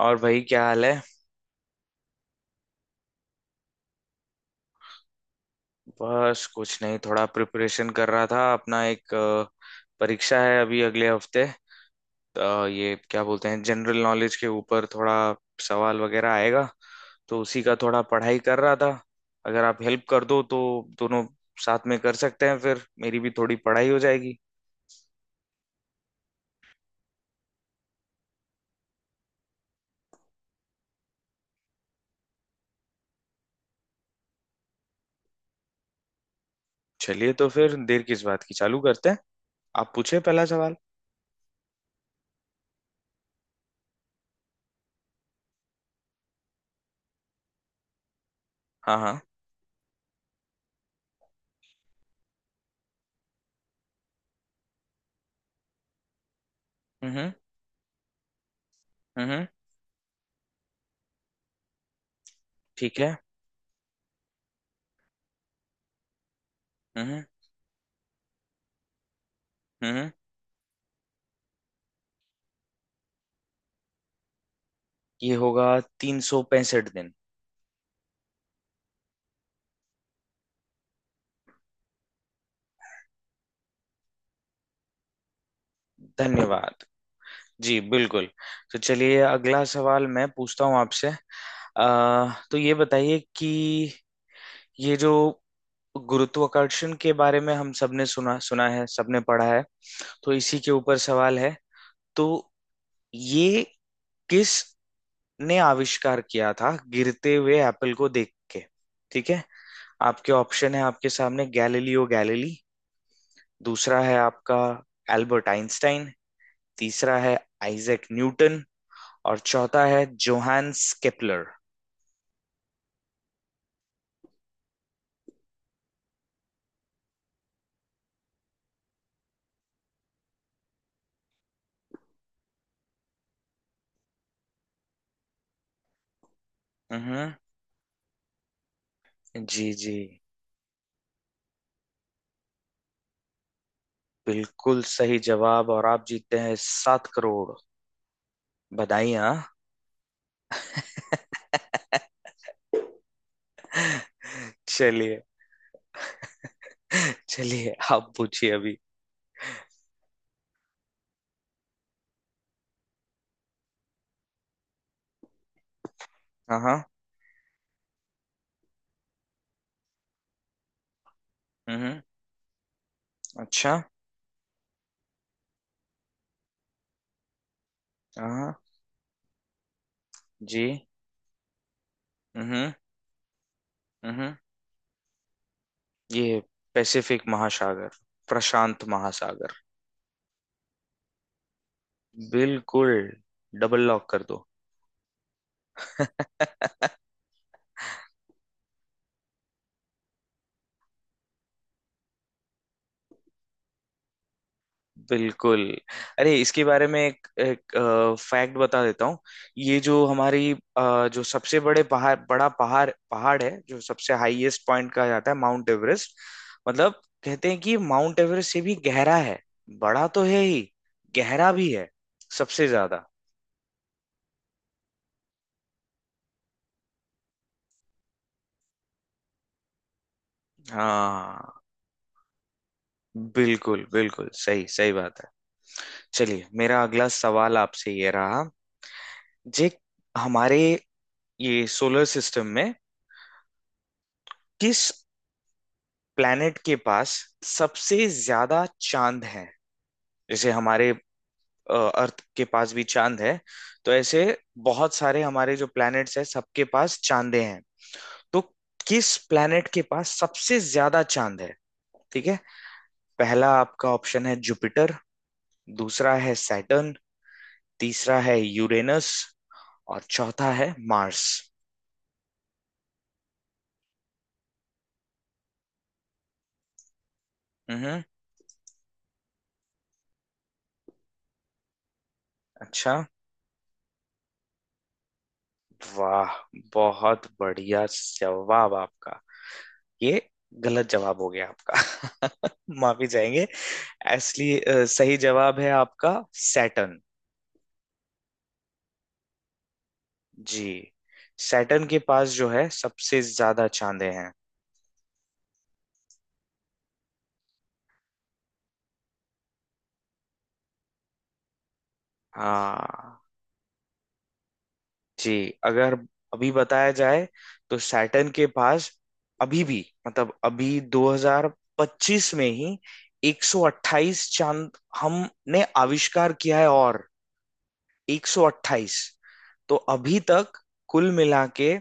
और भाई क्या हाल है? बस कुछ नहीं, थोड़ा प्रिपरेशन कर रहा था अपना एक परीक्षा है अभी अगले हफ्ते। तो ये क्या बोलते हैं, जनरल नॉलेज के ऊपर थोड़ा सवाल वगैरह आएगा। तो उसी का थोड़ा पढ़ाई कर रहा था। अगर आप हेल्प कर दो तो दोनों साथ में कर सकते हैं, फिर मेरी भी थोड़ी पढ़ाई हो जाएगी। चलिए तो फिर देर किस बात की, चालू करते हैं। आप पूछे पहला सवाल। हाँ हाँ। हम्म। हम्म। ठीक है। हम्म हम्म। हम्म। ये होगा 365 दिन। धन्यवाद। जी बिल्कुल। तो चलिए अगला सवाल मैं पूछता हूँ आपसे तो ये बताइए कि ये जो गुरुत्वाकर्षण के बारे में हम सबने सुना सुना है, सबने पढ़ा है। तो इसी के ऊपर सवाल है। तो ये किस ने आविष्कार किया था गिरते हुए एप्पल को देख के? ठीक है। आपके ऑप्शन है आपके सामने गैलीलियो गैलीली। दूसरा है आपका एल्बर्ट आइंस्टाइन। तीसरा है आइजैक न्यूटन। और चौथा है जोहान्स केपलर। हम्म। जी जी बिल्कुल सही जवाब, और आप जीतते हैं 7 करोड़। बधाई हाँ। चलिए, चलिए आप पूछिए अभी। हाँ हाँ। हम्म। अच्छा। हाँ। जी। हम्म। हम्म। ये पैसिफिक महासागर, प्रशांत महासागर। बिल्कुल। डबल लॉक कर दो। बिल्कुल। अरे इसके बारे में एक फैक्ट बता देता हूँ। ये जो हमारी जो सबसे बड़े पहाड़ बड़ा पहाड़ पहाड़ है, जो सबसे हाईएस्ट पॉइंट कहा जाता है, माउंट एवरेस्ट। मतलब कहते हैं कि माउंट एवरेस्ट से भी गहरा है। बड़ा तो है ही, गहरा भी है सबसे ज्यादा। हाँ बिल्कुल, बिल्कुल सही सही बात है। चलिए मेरा अगला सवाल आपसे ये रहा। जे हमारे ये सोलर सिस्टम में किस प्लैनेट के पास सबसे ज्यादा चांद हैं? जैसे हमारे अर्थ के पास भी चांद है। तो ऐसे बहुत सारे हमारे जो प्लैनेट्स हैं सबके पास चांदे हैं। तो किस प्लैनेट के पास सबसे ज्यादा चांद है? ठीक है। पहला आपका ऑप्शन है जुपिटर। दूसरा है सैटर्न। तीसरा है यूरेनस। और चौथा है मार्स। हम्म। अच्छा। वाह, बहुत बढ़िया जवाब आपका। ये गलत जवाब हो गया आपका। माफी जाएंगे। सही जवाब है आपका सैटर्न। जी। सैटर्न के पास जो है सबसे ज्यादा चांदे हैं। हाँ। जी। अगर अभी बताया जाए तो सैटर्न के पास अभी भी, मतलब अभी 2025 में ही 128 चांद हमने आविष्कार किया है। और 128 तो अभी तक कुल मिला के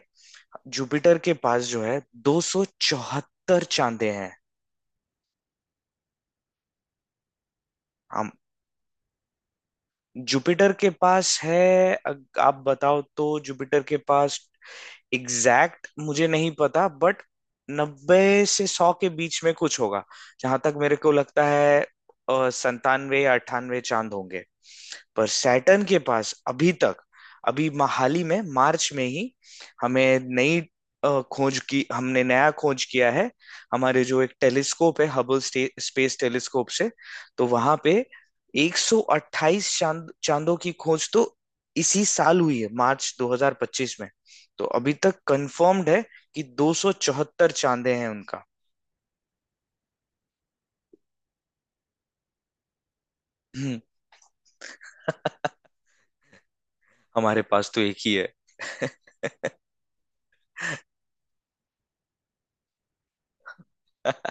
जुपिटर के पास जो है 274 चांदे हैं। हम। जुपिटर के पास है आप बताओ, तो जुपिटर के पास एग्जैक्ट मुझे नहीं पता, बट 90 से 100 के बीच में कुछ होगा। जहां तक मेरे को लगता है 97 या 98 चांद होंगे। पर सैटर्न के पास अभी तक, हाल ही में मार्च में ही हमें नई खोज की, हमने नया खोज किया है। हमारे जो एक टेलीस्कोप है, हबल स्पेस टेलीस्कोप से। तो वहां पे 128 चांदों की खोज तो इसी साल हुई है, मार्च 2025। तो अभी तक कंफर्म्ड है कि 274 चांदे हैं उनका। हमारे पास तो एक ही है।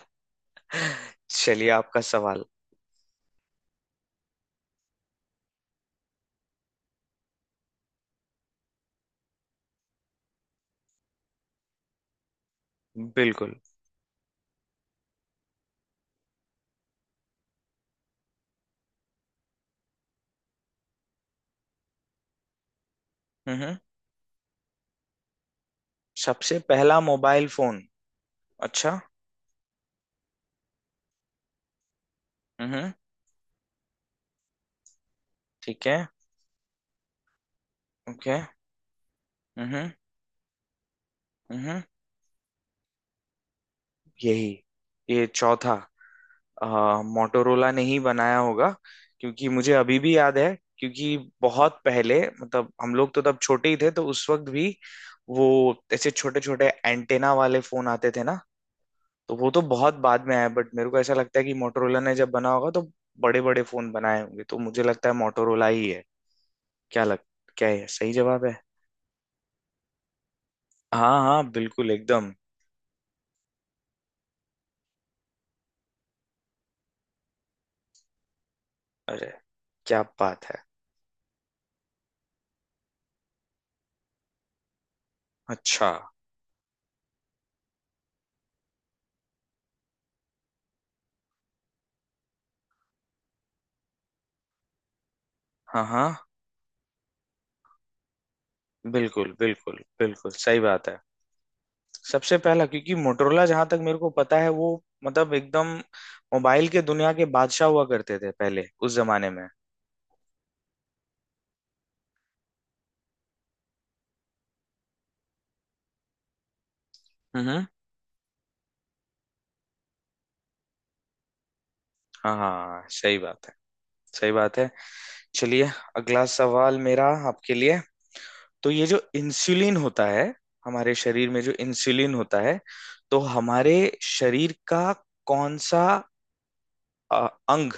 चलिए आपका सवाल। बिल्कुल। हम्म। सबसे पहला मोबाइल फोन। अच्छा। हम्म। ठीक है। ओके। हम्म। हम्म। यही, ये चौथा मोटोरोला ने ही बनाया होगा, क्योंकि मुझे अभी भी याद है। क्योंकि बहुत पहले, मतलब हम लोग तो तब छोटे ही थे, तो उस वक्त भी वो ऐसे छोटे छोटे एंटेना वाले फोन आते थे ना। तो वो तो बहुत बाद में आया, बट मेरे को ऐसा लगता है कि मोटोरोला ने जब बना होगा तो बड़े बड़े फोन बनाए होंगे। तो मुझे लगता है मोटोरोला ही है। क्या लग क्या है सही जवाब है? हाँ हाँ बिल्कुल एकदम। अरे क्या बात है। अच्छा। हाँ हाँ बिल्कुल, बिल्कुल बिल्कुल सही बात है। सबसे पहला, क्योंकि मोटरोला, जहां तक मेरे को पता है, वो मतलब एकदम मोबाइल के दुनिया के बादशाह हुआ करते थे पहले उस जमाने में। हम्म। हाँ हाँ सही बात है, सही बात है। चलिए अगला सवाल मेरा आपके लिए। तो ये जो इंसुलिन होता है, हमारे शरीर में जो इंसुलिन होता है, तो हमारे शरीर का कौन सा अंग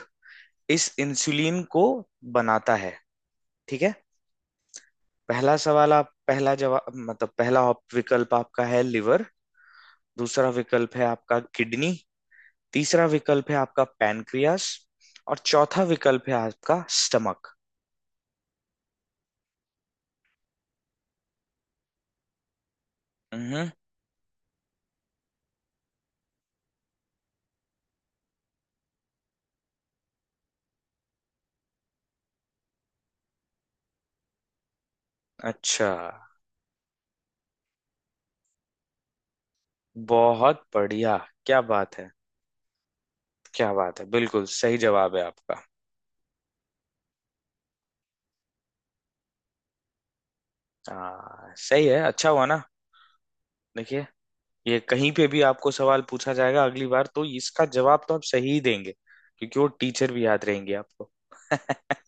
इस इंसुलिन को बनाता है? ठीक है। पहला सवाल आप, पहला जवाब, मतलब पहला विकल्प आपका है लिवर। दूसरा विकल्प है आपका किडनी। तीसरा विकल्प है आपका पैनक्रियास। और चौथा विकल्प है आपका स्टमक। हम्म। अच्छा। बहुत बढ़िया, क्या बात है, क्या बात है, बिल्कुल सही जवाब है आपका। हाँ सही है, अच्छा हुआ ना। देखिए ये कहीं पे भी आपको सवाल पूछा जाएगा अगली बार, तो इसका जवाब तो आप सही ही देंगे, क्योंकि वो टीचर भी याद रहेंगे आपको।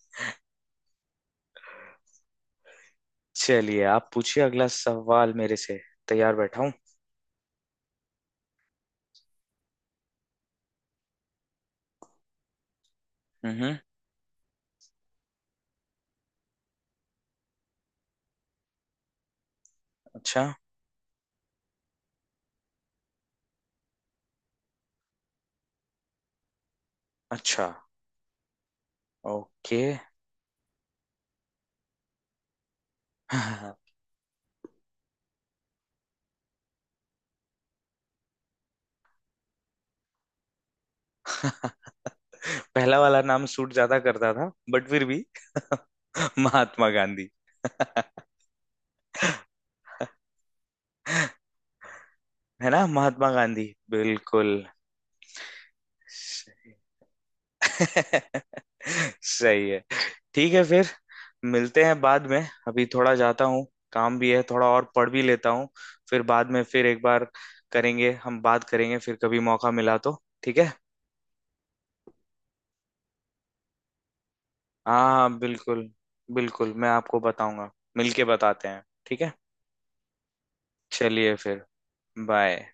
चलिए आप पूछिए अगला सवाल मेरे से। तैयार बैठा हूँ। हम्म। अच्छा अच्छा। ओके। पहला वाला नाम सूट ज्यादा करता था, बट फिर भी महात्मा गांधी। है ना, महात्मा गांधी। बिल्कुल। सही। सही है। ठीक है फिर, मिलते हैं बाद में। अभी थोड़ा जाता हूँ, काम भी है थोड़ा और पढ़ भी लेता हूँ। फिर बाद में फिर एक बार करेंगे, हम बात करेंगे फिर कभी मौका मिला तो। ठीक है। हाँ हाँ, बिल्कुल। बिल्कुल मैं आपको बताऊंगा। मिलके बताते हैं, ठीक है। चलिए फिर, बाय।